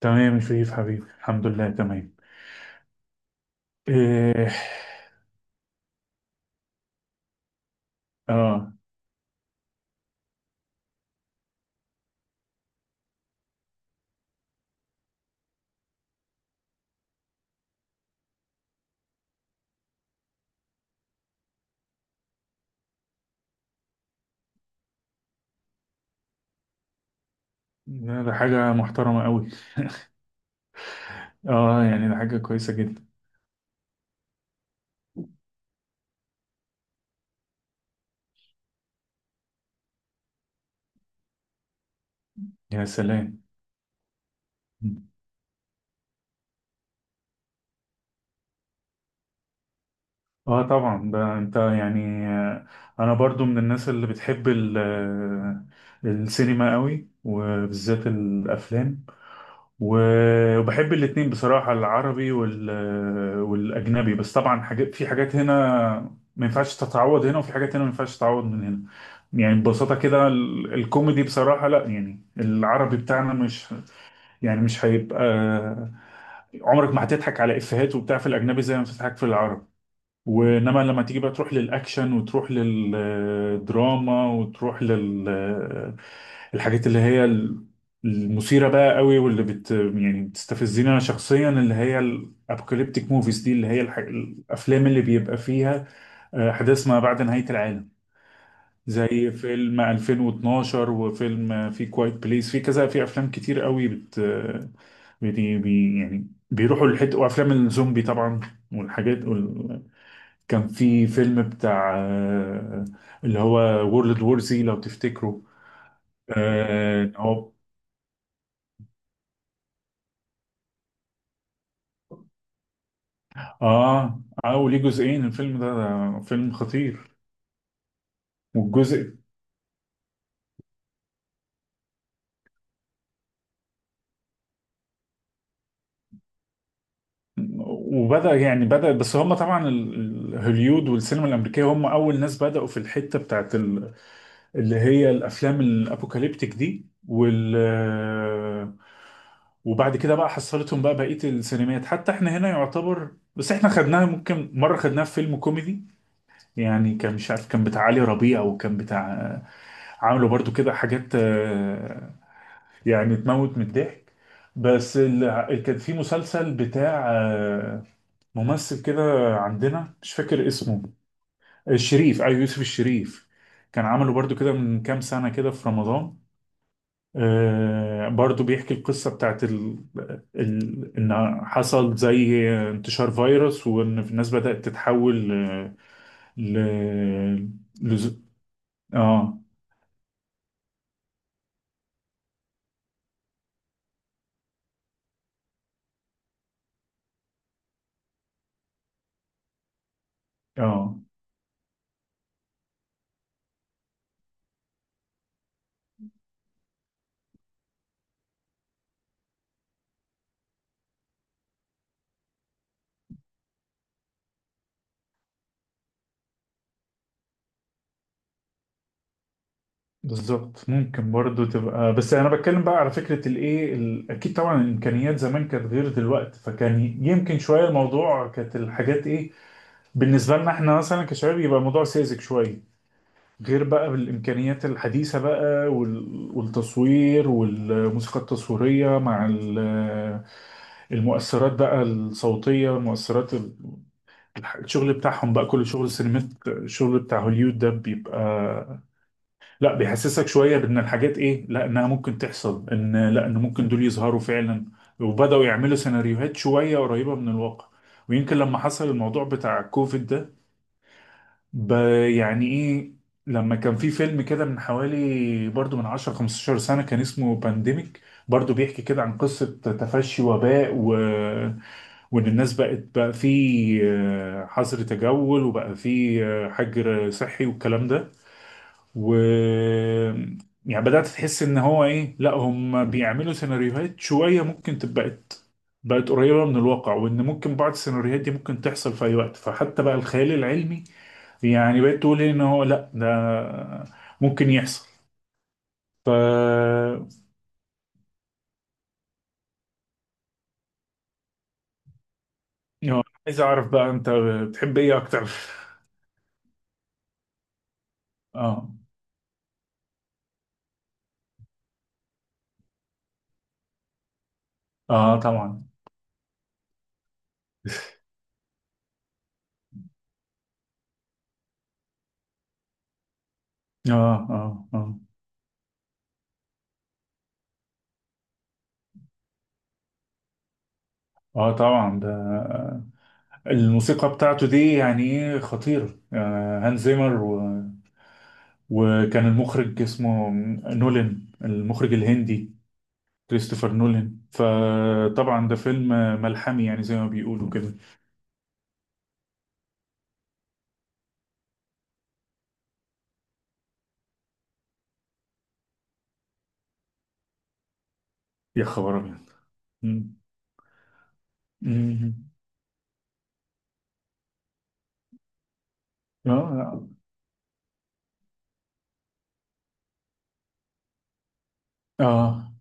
تمام يا شريف حبيبي، الحمد لله تمام. إيه. اه. لا، ده حاجة محترمة قوي. اه، يعني ده حاجة كويسة جدا. يا سلام. اه طبعا، ده انت يعني انا برضو من الناس اللي بتحب السينما قوي، وبالذات الافلام. وبحب الاتنين بصراحة، العربي والأجنبي. بس طبعا حاجات في حاجات هنا ما ينفعش تتعوض هنا، وفي حاجات هنا ما ينفعش تتعوض من هنا. يعني ببساطة كده الكوميدي بصراحة، لا يعني العربي بتاعنا مش هيبقى. عمرك ما هتضحك على إفيهات وبتاع في الأجنبي زي ما بتضحك في العربي. وانما لما تيجي بقى تروح للاكشن وتروح للدراما وتروح الحاجات اللي هي المثيره بقى قوي، واللي بت يعني بتستفزني انا شخصيا، اللي هي الابوكاليبتيك موفيز دي، اللي هي الافلام اللي بيبقى فيها احداث ما بعد نهايه العالم، زي فيلم 2012 وفيلم في كوايت بليس، في كذا، في افلام كتير قوي بت بي... بي... يعني بيروحوا للحته، وافلام الزومبي طبعا والحاجات. كان في فيلم بتاع اللي هو وورلد وور زي، لو تفتكروا. اه هو. اه اه، ليه جزئين الفيلم ده، ده فيلم خطير. والجزء وبدأ يعني بدأ بس هم طبعا هوليود والسينما الأمريكية هم أول ناس بدأوا في الحتة بتاعت اللي هي الأفلام الأبوكاليبتيك دي وال آه، وبعد كده بقى حصلتهم بقى بقية السينمات. حتى احنا هنا يعتبر، بس احنا خدناها ممكن مرة خدناها في فيلم كوميدي، يعني كان مش عارف، كان بتاع علي ربيع وكان بتاع. عملوا برضو كده حاجات يعني تموت من الضحك. بس كان في مسلسل بتاع ممثل كده عندنا مش فاكر اسمه. الشريف، ايوه، يوسف الشريف. كان عمله برضو كده من كام سنة كده في رمضان. برضو بيحكي القصة بتاعت إن حصل زي انتشار فيروس، وإن الناس بدأت تتحول ل... ل... اه اه، بالظبط. ممكن برضو تبقى، بس انا بتكلم بقى على فكره، الايه اكيد طبعا الامكانيات زمان كانت غير دلوقتي، فكان يمكن شويه الموضوع كانت الحاجات ايه بالنسبه لنا احنا مثلا كشباب، يبقى الموضوع ساذج شويه. غير بقى بالامكانيات الحديثه بقى والتصوير والموسيقى التصويريه مع المؤثرات بقى الصوتيه، المؤثرات الشغل بتاعهم بقى، كل شغل السينمات، الشغل بتاع هوليود ده بيبقى لا، بيحسسك شويه بان الحاجات ايه، لا انها ممكن تحصل، ان لا، ان ممكن دول يظهروا فعلا. وبداوا يعملوا سيناريوهات شويه قريبه من الواقع. ويمكن لما حصل الموضوع بتاع كوفيد ده ب- يعني ايه، لما كان في فيلم كده من حوالي برضو من 10 15 سنه، كان اسمه بانديميك، برضو بيحكي كده عن قصه تفشي وباء وان الناس بقت بقى في حظر تجول، وبقى في حجر صحي والكلام ده. و يعني بدأت تحس ان هو ايه، لا هم بيعملوا سيناريوهات شوية ممكن تبقى بقت قريبة من الواقع، وان ممكن بعض السيناريوهات دي ممكن تحصل في اي وقت. فحتى بقى الخيال العلمي يعني بقيت تقول إيه، ان هو لا ده ممكن يحصل. ف يعني عايز اعرف بقى انت بتحب ايه اكتر؟ اه. اه طبعا. اه اه. اه اه، طبعا ده الموسيقى بتاعته دي يعني ايه، خطيرة، آه هانز زيمر. وكان المخرج اسمه نولان، المخرج الهندي. كريستوفر نولان. فطبعا ده فيلم ملحمي، يعني زي ما بيقولوا كده. يا خبر ابيض. مم. مم. اه اه.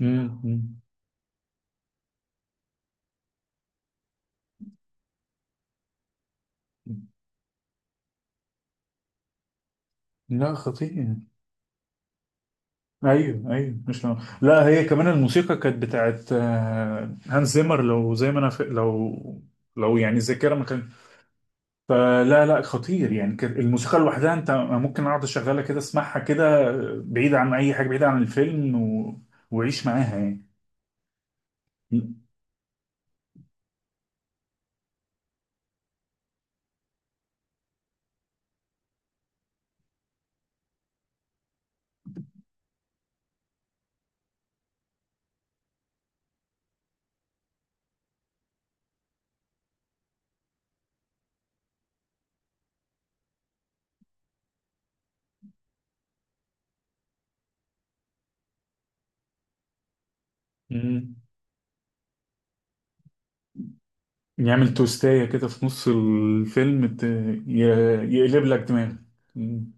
مم. مم. لا خطير. ايوه ايوه، مش نوع. لا، هي كمان الموسيقى كانت بتاعت هانز زيمر، لو زي ما انا لو يعني الذاكره ما. فلا، لا خطير. يعني كانت الموسيقى لوحدها، انت ممكن اقعد اشغلها كده، اسمعها كده، بعيد عن اي حاجه، بعيد عن الفيلم وعيش معاها يعني. مم. يعمل توستايه كده في نص الفيلم ي... يقلب لك دماغك. مم.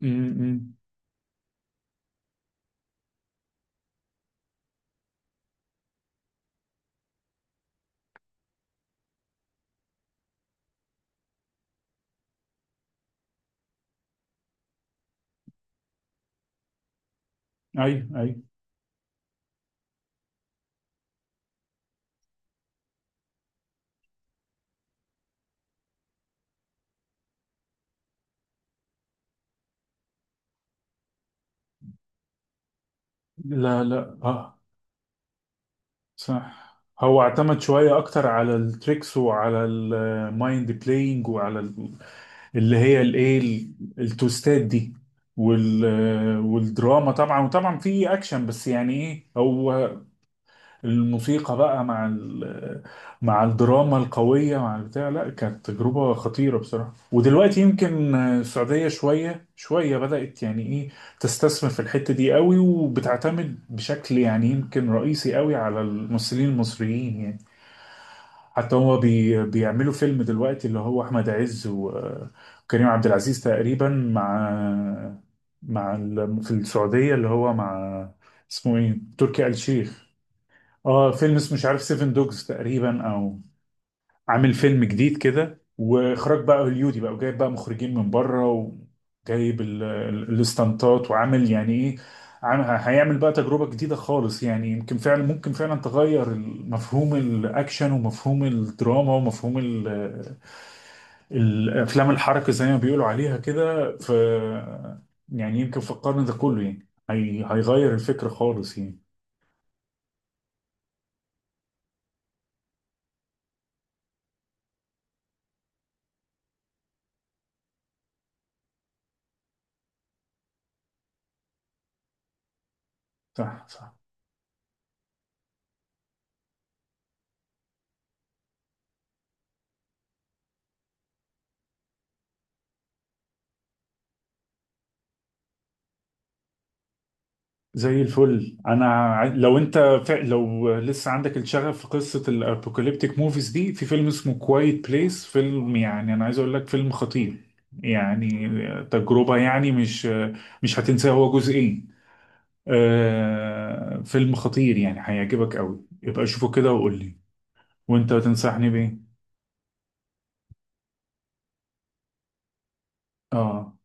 مم. مم. ايوه ايوه. لا لا اه صح. هو اعتمد شويه اكتر على التريكس وعلى المايند بلاينج وعلى اللي هي الايه التوستات دي وال والدراما طبعا. وطبعا في اكشن، بس يعني ايه، هو الموسيقى بقى مع مع الدراما القوية مع البتاع، لا كانت تجربة خطيرة بصراحة. ودلوقتي يمكن السعودية شوية شوية بدأت يعني ايه تستثمر في الحتة دي قوي، وبتعتمد بشكل يعني يمكن رئيسي قوي على الممثلين المصريين يعني. حتى هو بي بيعملوا فيلم دلوقتي اللي هو احمد عز وكريم عبد العزيز تقريبا مع في السعودية اللي هو مع اسمه ايه، تركي آل الشيخ. اه فيلم اسمه مش عارف سيفن دوجز تقريبا، او عامل فيلم جديد كده، واخراج بقى هوليودي بقى، وجايب بقى مخرجين من بره، وجايب الاستنطات، وعامل يعني ايه هيعمل بقى تجربة جديدة خالص. يعني يمكن فعلا، ممكن فعلا تغير مفهوم الاكشن ومفهوم الدراما ومفهوم الافلام الحركة زي ما بيقولوا عليها كده. ف يعني يمكن في القرن ده كله يعني هيغير الفكر خالص يعني. صح. زي الفل. لو انت لو لسه عندك الشغف في قصه الابوكاليبتيك موفيز دي، في فيلم اسمه كوايت بليس. فيلم يعني انا عايز اقول لك فيلم خطير، يعني تجربه يعني مش هتنساه. هو جزئين. فيلم خطير يعني هيعجبك قوي، يبقى شوفه كده وقول لي. وانت تنصحني بايه؟ اه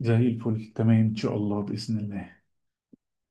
زي الفل، تمام ان شاء الله باذن الله.